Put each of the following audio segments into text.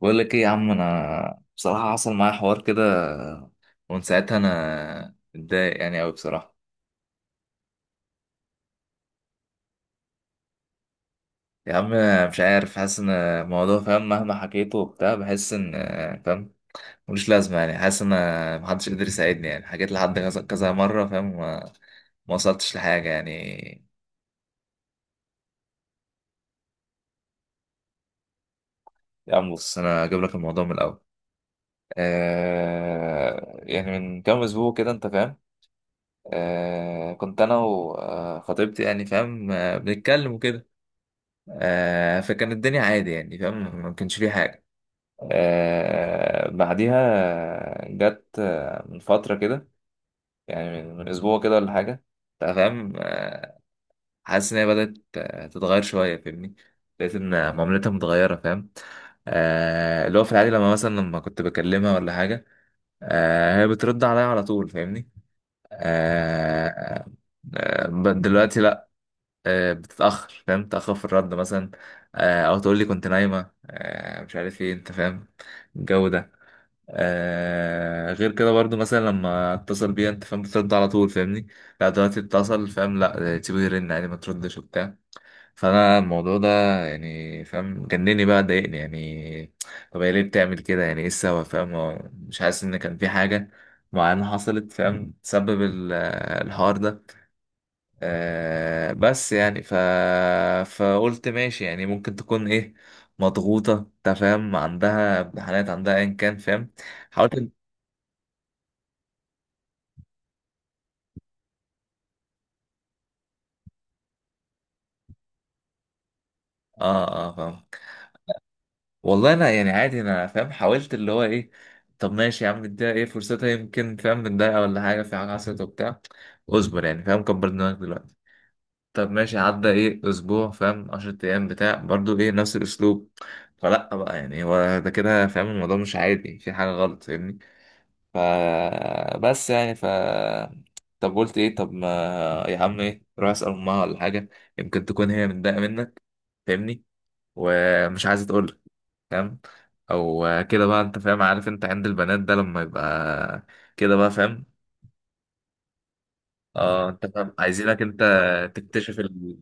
بقول لك ايه يا عم، انا بصراحة حصل معايا حوار كده، ومن ساعتها انا متضايق يعني قوي بصراحة. يا عم مش عارف، حاسس ان الموضوع فاهم مهما حكيته وبتاع، بحس ان فاهم ملوش لازمة، يعني حاسس ان محدش قدر يساعدني. يعني حكيت لحد كذا كذا مرة فاهم، ما وصلتش لحاجة يعني. يا عم بص انا هجيب لك الموضوع من الاول. يعني من كام اسبوع كده انت فاهم، كنت انا وخطيبتي يعني فاهم، بنتكلم وكده. فكان الدنيا عادي يعني فاهم، ما كانش فيه حاجة. بعديها جت، من فترة كده، يعني من أسبوع كده ولا حاجة، أنت فاهم. حاسس إن هي بدأت، تتغير شوية فاهمني، لقيت إن معاملتها متغيرة فاهم. اللي هو في العادي لما مثلا لما كنت بكلمها ولا حاجة، هي بترد عليا على طول فاهمني. آه آه، دلوقتي لأ، بتتأخر فاهم، تأخر في الرد مثلا، أو تقول لي كنت نايمة، مش عارف ايه انت فاهم الجو ده. غير كده برضو، مثلا لما اتصل بيها انت فاهم بترد على طول فاهمني، لا دلوقتي اتصل فاهم لا، تسيبه يرن يعني ما تردش وبتاع. فأنا الموضوع ده يعني فاهم جنني بقى، ضايقني يعني. طب هي ليه بتعمل كده؟ يعني ايه السبب فاهم؟ هو مش حاسس ان كان في حاجة معينة حصلت فاهم تسبب الحوار ده. بس يعني فقلت ماشي، يعني ممكن تكون ايه مضغوطة انت فاهم، عندها امتحانات، عندها ايا كان فاهم. حاولت إن- اه اه فاهم. والله انا يعني عادي انا فاهم حاولت اللي هو ايه، طب ماشي يا عم اديها ايه فرصتها، يمكن فاهم من دقيقة ولا حاجة في حاجة حصلت وبتاع، اصبر يعني فاهم، كبر دماغك دلوقتي. طب ماشي عدى ايه اسبوع فاهم، 10 ايام بتاع، برضو ايه نفس الاسلوب. فلا بقى يعني، هو ده كده فاهم، الموضوع مش عادي، في حاجة غلط فاهمني. ف بس يعني ف طب قلت ايه؟ طب ما يا عم ايه، روح اسال امها ولا حاجه، يمكن تكون هي متضايقه منك فاهمني، ومش عايزه تقول لك فاهم، او كده بقى انت فاهم، عارف انت عند البنات ده لما يبقى كده بقى فاهم. اه انت فاهم عايزينك انت تكتشف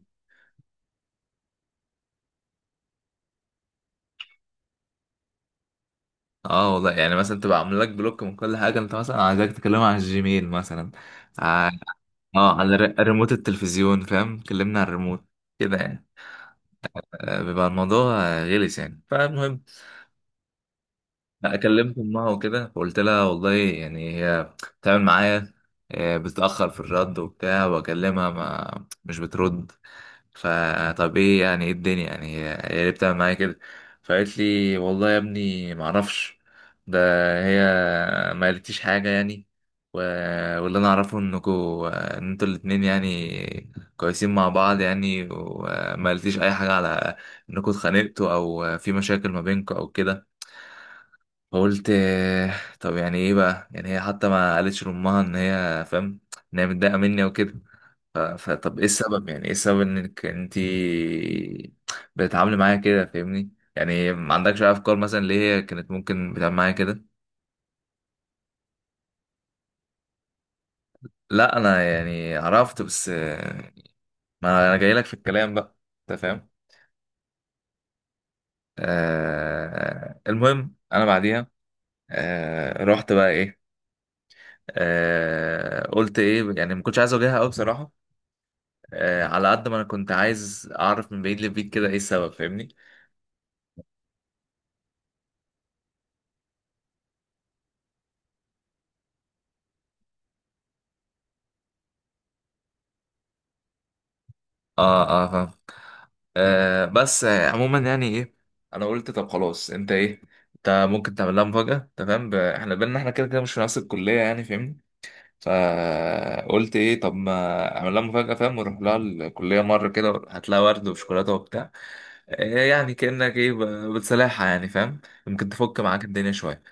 اه والله يعني مثلا تبقى عامل لك بلوك من كل حاجه، انت مثلا عايزك تكلمها على الجيميل مثلا، ع- اه على ريموت التلفزيون فاهم، كلمنا على الريموت كده يعني. بيبقى الموضوع، غلس يعني، فالمهم لا كلمت امها وكده، فقلت لها والله يعني هي بتعمل معايا، بتتاخر في الرد وبتاع، واكلمها ما مش بترد. فطب ايه يعني؟ ايه الدنيا يعني؟ هي ليه بتعمل معايا كده؟ فقالت لي والله يا ابني ما اعرفش، ده هي ما قالتليش حاجه يعني، و... واللي انا اعرفه انكوا ان انتوا الاتنين يعني كويسين مع بعض يعني، وما قالتليش اي حاجه على انكوا اتخانقتوا او في مشاكل ما بينكوا او كده. فقلت طب يعني ايه بقى؟ يعني هي حتى ما قالتش لامها ان هي فاهم ان هي متضايقه مني وكده. فطب ايه السبب؟ يعني ايه السبب انك انتي بتتعاملي معايا كده فاهمني؟ يعني ما عندكش اي افكار مثلا ليه هي كانت ممكن بتعمل معايا كده؟ لا انا يعني عرفت، بس ما انا جاي لك في الكلام بقى انت فاهم. المهم انا بعديها رحت بقى ايه، قلت ايه، يعني ما كنتش عايز اواجهها قوي بصراحه، على قد ما انا كنت عايز اعرف من بعيد لبعيد كده ايه السبب فاهمني. اه اه فاهم. بس عموما يعني ايه، انا قلت طب خلاص انت ايه، انت ممكن تعمل لها مفاجأة تمام، احنا بينا احنا كده كده مش في نفس الكلية يعني فاهمني، فقلت ايه طب ما اعمل لها مفاجأة فاهم، واروح لها الكلية مرة كده، هات لها ورد وشوكولاتة وبتاع، يعني كأنك ايه بتصالحها يعني فاهم، ممكن تفك معاك الدنيا شوية.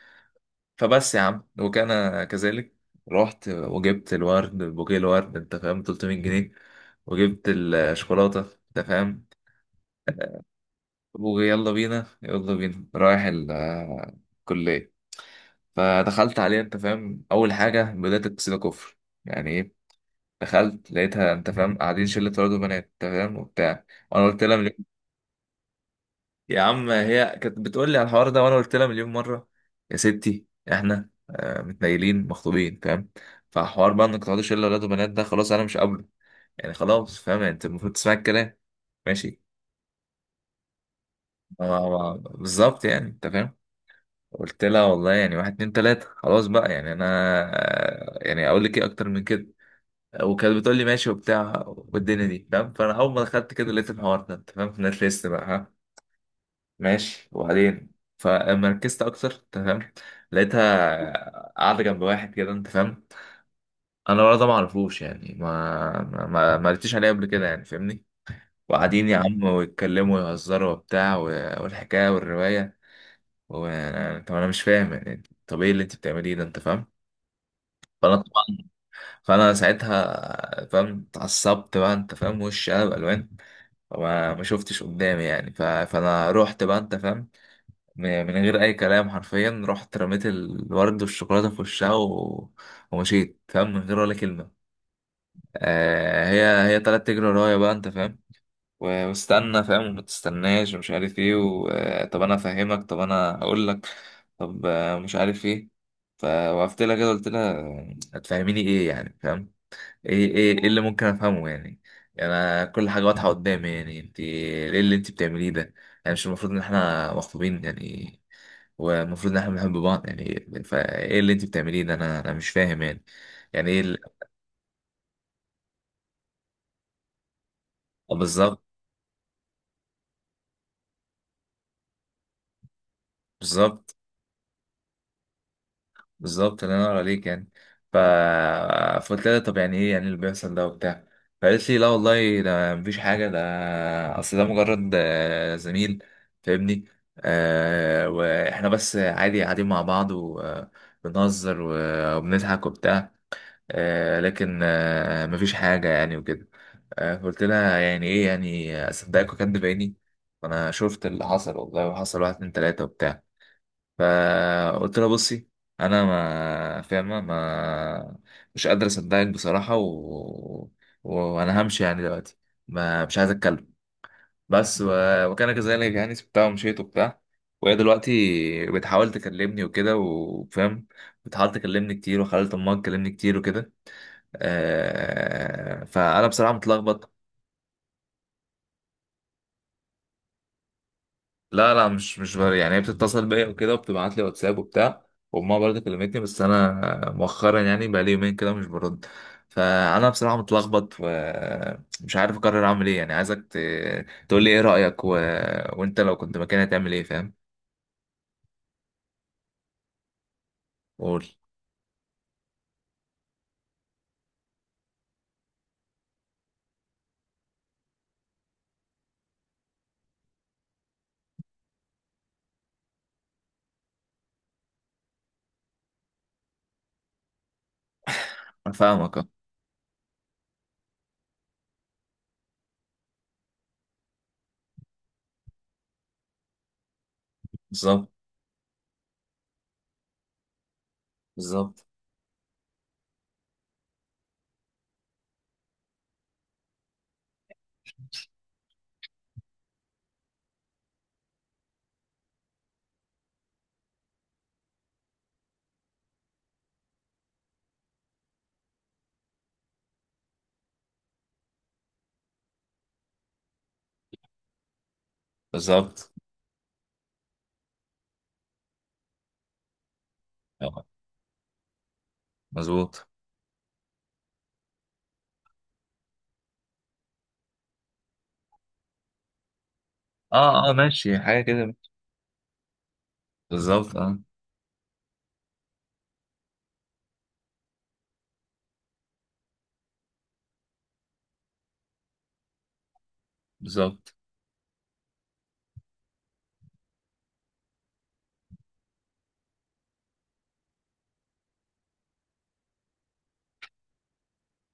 فبس يا عم، وكان كذلك، رحت وجبت الورد، بوكيه الورد انت فاهم 300 جنيه، وجبت الشوكولاته انت فاهم، ويلا بينا يلا بينا رايح الكليه. فدخلت عليها انت فاهم، اول حاجه بدات اكسده كفر، يعني ايه؟ دخلت لقيتها انت فاهم قاعدين شله ولاد وبنات انت فاهم وبتاع، وانا قلت لها، يا عم هي كانت بتقول لي على الحوار ده، وانا قلت لها مليون مره، يا ستي احنا متنيلين مخطوبين فاهم، فحوار بقى انك تقعدي شله ولاد وبنات ده خلاص انا مش قابله، يعني خلاص فاهم، يعني انت المفروض تسمعي الكلام ماشي. بالظبط يعني انت فاهم، قلت لها والله يعني واحد اتنين تلاته خلاص بقى، يعني انا يعني اقول لك ايه اكتر من كده. وكانت بتقول لي ماشي وبتاع والدنيا دي فاهم، فانا اول ما دخلت كده لقيت الحوار ده انت فاهم، في نت ليست بقى ها، ماشي وبعدين. فلما ركزت اكتر تمام، لقيتها قاعده جنب واحد كده انت فاهم، انا ولا ده ما اعرفوش يعني، ما قلتش عليه قبل كده يعني فاهمني. وقاعدين يا عم، ويتكلموا ويهزروا وبتاع والحكايه والروايه، طب انا مش فاهم يعني، طب ايه اللي انت بتعمليه ده انت فاهم؟ فانا طبعا، فانا ساعتها فاهم اتعصبت بقى انت فاهم، وشي قلب الوان، وما ما شفتش قدامي يعني، فانا رحت بقى انت فاهم، من غير اي كلام حرفيا، رحت رميت الورد والشوكولاته في وشها ومشيت فاهم من غير ولا كلمه. هي طلعت تجري ورايا بقى انت فاهم، واستنى فاهم وما تستناش ومش عارف ايه طب انا افهمك طب انا اقول لك، طب مش عارف ايه، فوقفت لها كده قلت لها هتفهميني ايه يعني فاهم؟ ايه ايه إيه اللي ممكن افهمه يعني؟ يعني انا كل حاجه واضحه قدامي، يعني انت ايه اللي انت بتعمليه ده؟ يعني مش المفروض ان احنا مخطوبين يعني؟ والمفروض ان احنا بنحب بعض يعني؟ فايه اللي انت بتعمليه ده؟ انا مش فاهم يعني، يعني ايه بالظبط. بالظبط. بالظبط. الله ينور عليك يعني. ف... فقلت لها طب يعني ايه يعني اللي بيحصل ده وبتاع؟ فقالت لي لا والله ده مفيش حاجة، ده أصل ده مجرد زميل فاهمني، وإحنا بس عادي قاعدين مع بعض وبنهزر وبنضحك وبتاع، لكن مفيش حاجة يعني وكده. فقلت لها يعني ايه؟ يعني أصدقك وأكدب عيني؟ فأنا شفت اللي حصل والله، وحصل واحد اتنين تلاتة وبتاع. فقلت لها بصي، انا ما فاهمه، ما مش قادر اصدقك بصراحه وانا همشي يعني دلوقتي، ما مش عايز اتكلم بس، وكان كذلك، يعني سبتها ومشيت وبتاع. وهي دلوقتي بتحاول تكلمني وكده وفاهم، بتحاول تكلمني كتير، وخلت امها تكلمني كتير وكده. فانا بصراحه متلخبط. لا لا، مش مش بر- يعني هي بتتصل بيا وكده، وبتبعت لي واتساب وبتاع، وامها برضه كلمتني، بس انا مؤخرا يعني بقى لي يومين كده مش برد. فانا بصراحه متلخبط ومش عارف اقرر اعمل ايه يعني، عايزك تقول لي ايه رايك، وانت لو كنت مكاني هتعمل ايه فاهم؟ قول. انا فاهمك اه. بالظبط. بالظبط. بالظبط. آه، مظبوط. اه اه ماشي حاجه كده. بالظبط اه. بالظبط.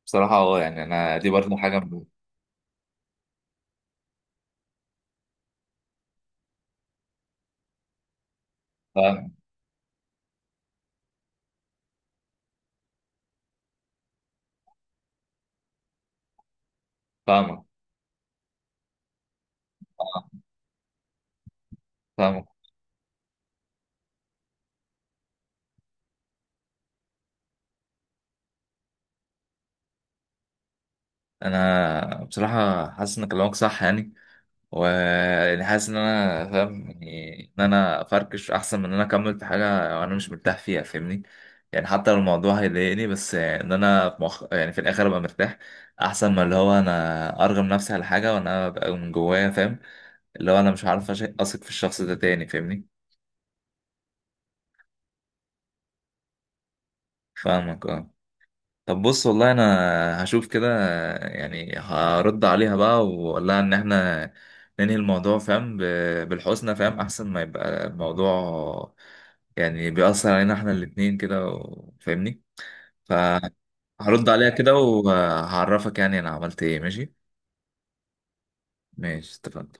بصراحه اه، يعني انا دي برضه حاجه فاهم. فاهمك. فاهمك. انا بصراحه حاسس ان كلامك صح يعني، ويعني حاسس ان انا فاهم، يعني ان انا افركش احسن من ان انا اكمل في حاجه انا مش مرتاح فيها فاهمني، يعني حتى لو الموضوع هيضايقني، بس ان انا في يعني في الاخر ابقى مرتاح احسن ما اللي هو انا ارغم نفسي على حاجه وانا ببقى من جوايا فاهم، اللي هو انا مش عارف اثق في الشخص ده تاني فاهمني. فاهمك اه. طب بص والله انا هشوف كده، يعني هرد عليها بقى واقول لها ان احنا ننهي الموضوع فاهم، بالحسنى فاهم، احسن ما يبقى الموضوع يعني بيأثر علينا احنا الاتنين كده، فاهمني، فهرد عليها كده وهعرفك يعني انا عملت ايه، ماشي. ماشي اتفقنا.